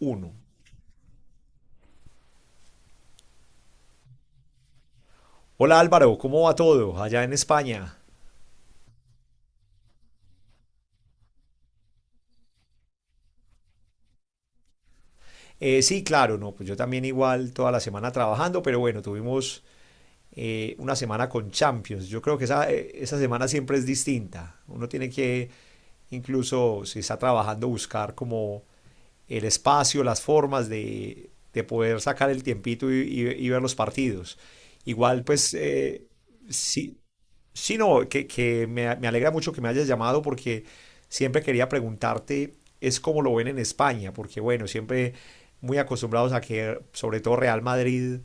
1. Hola Álvaro, ¿cómo va todo allá en España? Sí, claro, no, pues yo también igual toda la semana trabajando, pero bueno, tuvimos una semana con Champions. Yo creo que esa semana siempre es distinta. Uno tiene que, incluso si está trabajando, buscar como el espacio, las formas de poder sacar el tiempito y ver los partidos. Igual, pues, sí, Sí, no, que me alegra mucho que me hayas llamado, porque siempre quería preguntarte es cómo lo ven en España, porque bueno, siempre muy acostumbrados a que sobre todo Real Madrid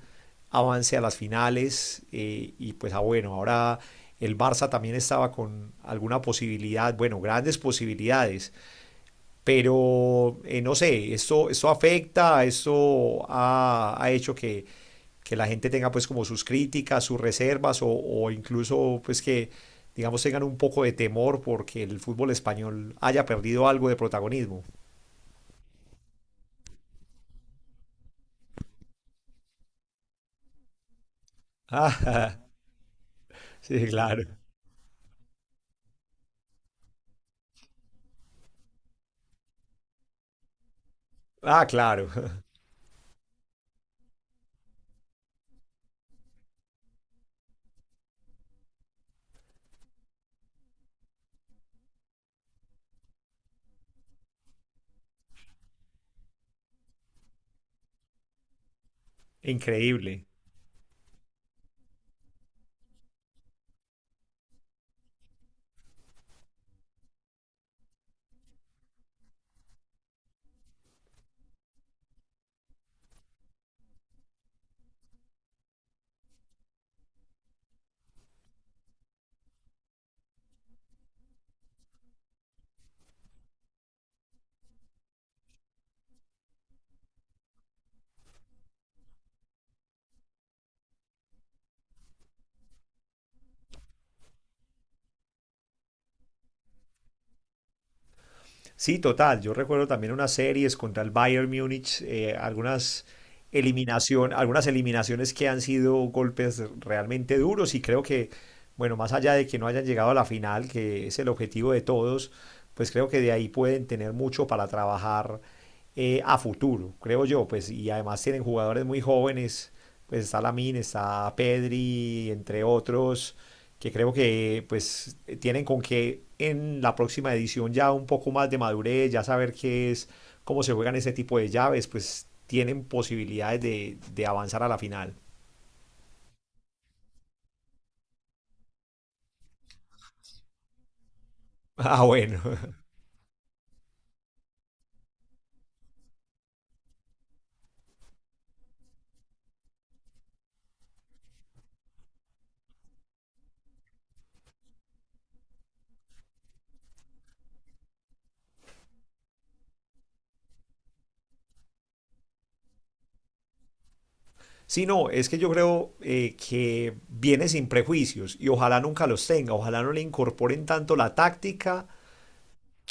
avance a las finales y pues ah, bueno, ahora el Barça también estaba con alguna posibilidad, bueno, grandes posibilidades, pero no sé, esto afecta, esto ha hecho que, la gente tenga pues como sus críticas, sus reservas o incluso pues que digamos tengan un poco de temor porque el fútbol español haya perdido algo de protagonismo. Ah, sí, claro. Ah, claro. Increíble. Sí, total. Yo recuerdo también unas series contra el Bayern Múnich, algunas eliminaciones que han sido golpes realmente duros, y creo que, bueno, más allá de que no hayan llegado a la final, que es el objetivo de todos, pues creo que de ahí pueden tener mucho para trabajar a futuro, creo yo, pues, y además tienen jugadores muy jóvenes, pues está Lamine, está Pedri, entre otros, que creo que pues tienen con que en la próxima edición, ya un poco más de madurez, ya saber qué es, cómo se juegan ese tipo de llaves, pues tienen posibilidades de avanzar a la final. Ah, bueno. Sí, no, es que yo creo que viene sin prejuicios y ojalá nunca los tenga, ojalá no le incorporen tanto la táctica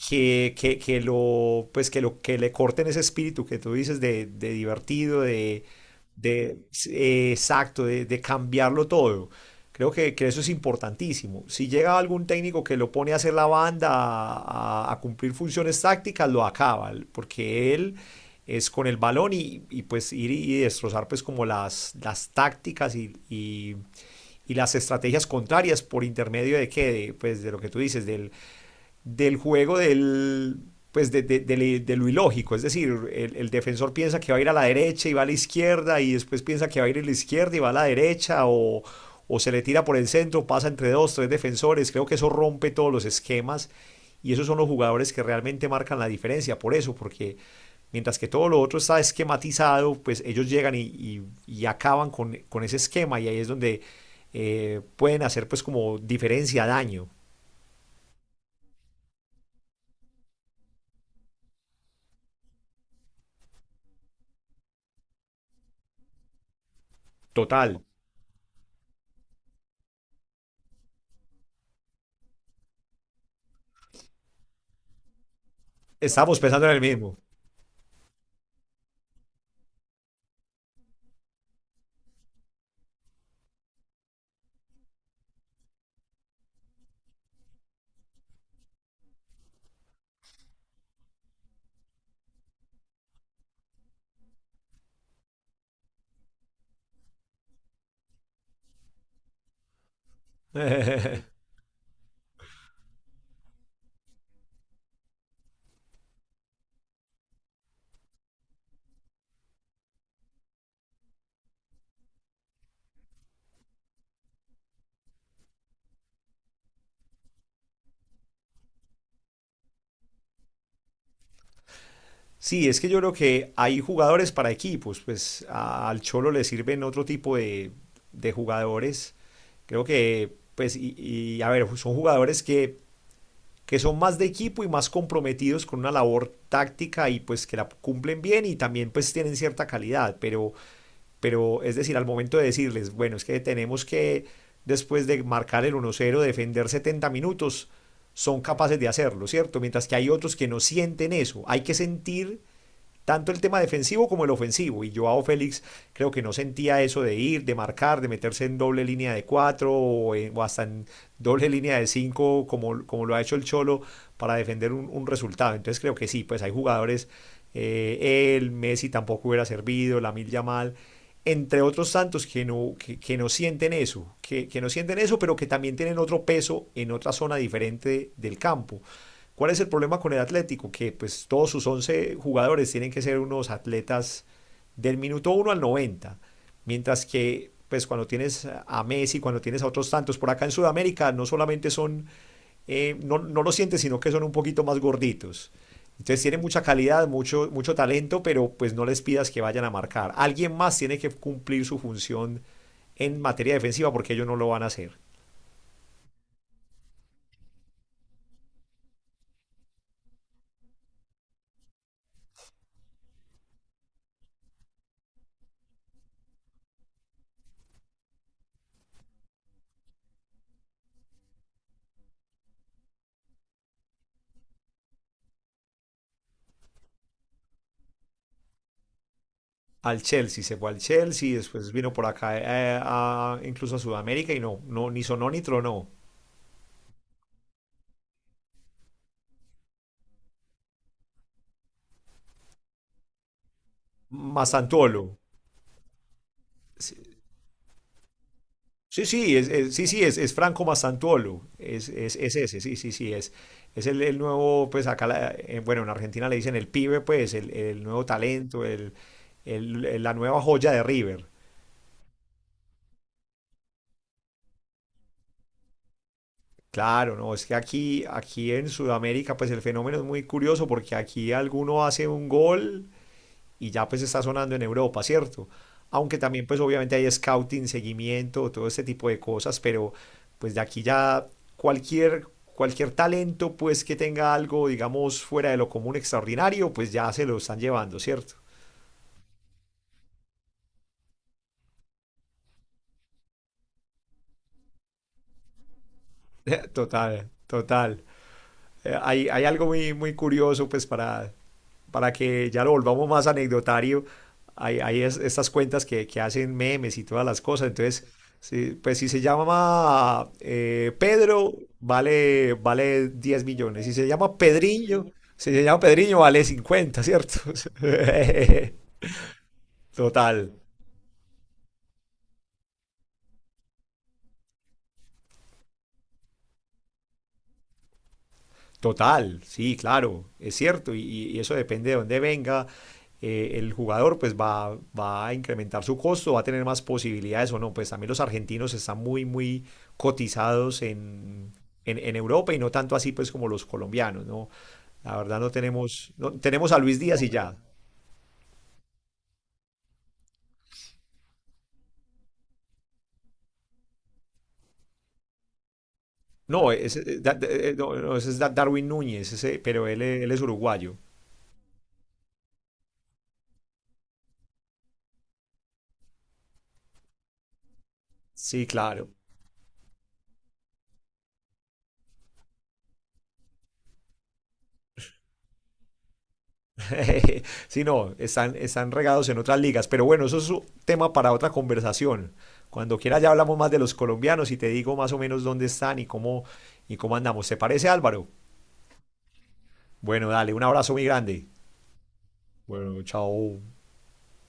que lo, pues que lo, que le corten ese espíritu que tú dices de divertido, de, exacto, de cambiarlo todo. Creo que eso es importantísimo. Si llega algún técnico que lo pone a hacer la banda, a cumplir funciones tácticas, lo acaba, porque él es con el balón, y pues ir y destrozar, pues, como las tácticas y las estrategias contrarias, por intermedio de qué, de, pues de lo que tú dices, del juego del, pues, de lo ilógico. Es decir, el defensor piensa que va a ir a la derecha y va a la izquierda, y después piensa que va a ir a la izquierda y va a la derecha, o se le tira por el centro, pasa entre dos, tres defensores. Creo que eso rompe todos los esquemas, y esos son los jugadores que realmente marcan la diferencia, por eso, porque mientras que todo lo otro está esquematizado, pues ellos llegan y acaban con ese esquema, y ahí es donde pueden hacer pues como diferencia, daño total. Estamos pensando en el mismo. Sí, es que yo creo que hay jugadores para equipos. Pues al Cholo le sirven otro tipo de jugadores. Creo que, pues, a ver, son jugadores que son más de equipo y más comprometidos con una labor táctica, y pues que la cumplen bien y también pues tienen cierta calidad, pero es decir, al momento de decirles, bueno, es que tenemos que, después de marcar el 1-0, defender 70 minutos, son capaces de hacerlo, ¿cierto? Mientras que hay otros que no sienten eso. Hay que sentir tanto el tema defensivo como el ofensivo. Y Joao Félix, creo que no sentía eso de ir, de marcar, de meterse en doble línea de cuatro, o hasta en doble línea de cinco, como lo ha hecho el Cholo, para defender un resultado. Entonces creo que sí, pues hay jugadores, Messi tampoco hubiera servido, Lamil Yamal, entre otros tantos que no, que no sienten eso, que no sienten eso, pero que también tienen otro peso en otra zona diferente del campo. ¿Cuál es el problema con el Atlético? Que pues todos sus 11 jugadores tienen que ser unos atletas del minuto 1 al 90, mientras que, pues, cuando tienes a Messi, cuando tienes a otros tantos, por acá en Sudamérica, no solamente son, no, no lo sientes, sino que son un poquito más gorditos. Entonces tienen mucha calidad, mucho, mucho talento, pero pues no les pidas que vayan a marcar. Alguien más tiene que cumplir su función en materia defensiva, porque ellos no lo van a hacer. Se fue al Chelsea, después vino por acá incluso a Sudamérica, y no, no, ni sonó ni tronó. ¿Masantuolo? Sí, sí, sí, sí, sí, es Franco Masantuolo. Es ese, sí, sí, sí, es. Es el nuevo, pues acá, bueno, en Argentina le dicen el pibe, pues, el nuevo talento, la nueva joya de River. Claro, no, es que aquí, en Sudamérica, pues el fenómeno es muy curioso, porque aquí alguno hace un gol y ya pues está sonando en Europa, ¿cierto? Aunque también pues obviamente hay scouting, seguimiento, todo este tipo de cosas, pero pues de aquí ya cualquier, cualquier talento, pues que tenga algo, digamos, fuera de lo común, extraordinario, pues ya se lo están llevando, ¿cierto? Total, total. Hay algo muy, muy curioso, pues, para que ya lo volvamos más anecdotario. Hay estas cuentas que hacen memes y todas las cosas. Entonces, sí, pues si se llama Pedro, vale 10 millones. Si se llama Pedriño, si se llama Pedriño, vale 50, ¿cierto? Total. Total, sí, claro, es cierto, y eso depende de dónde venga. El jugador pues va a incrementar su costo, va a tener más posibilidades o no. Pues también los argentinos están muy, muy cotizados en Europa, y no tanto así, pues, como los colombianos, ¿no? La verdad, no tenemos, no, tenemos a Luis Díaz y ya. No, ese, no, no, ese es Darwin Núñez, ese, pero él es uruguayo. Sí, claro. Sí, no, están regados en otras ligas. Pero bueno, eso es un tema para otra conversación. Cuando quiera ya hablamos más de los colombianos y te digo más o menos dónde están y cómo andamos. ¿Te parece, Álvaro? Bueno, dale, un abrazo muy grande. Bueno, chao.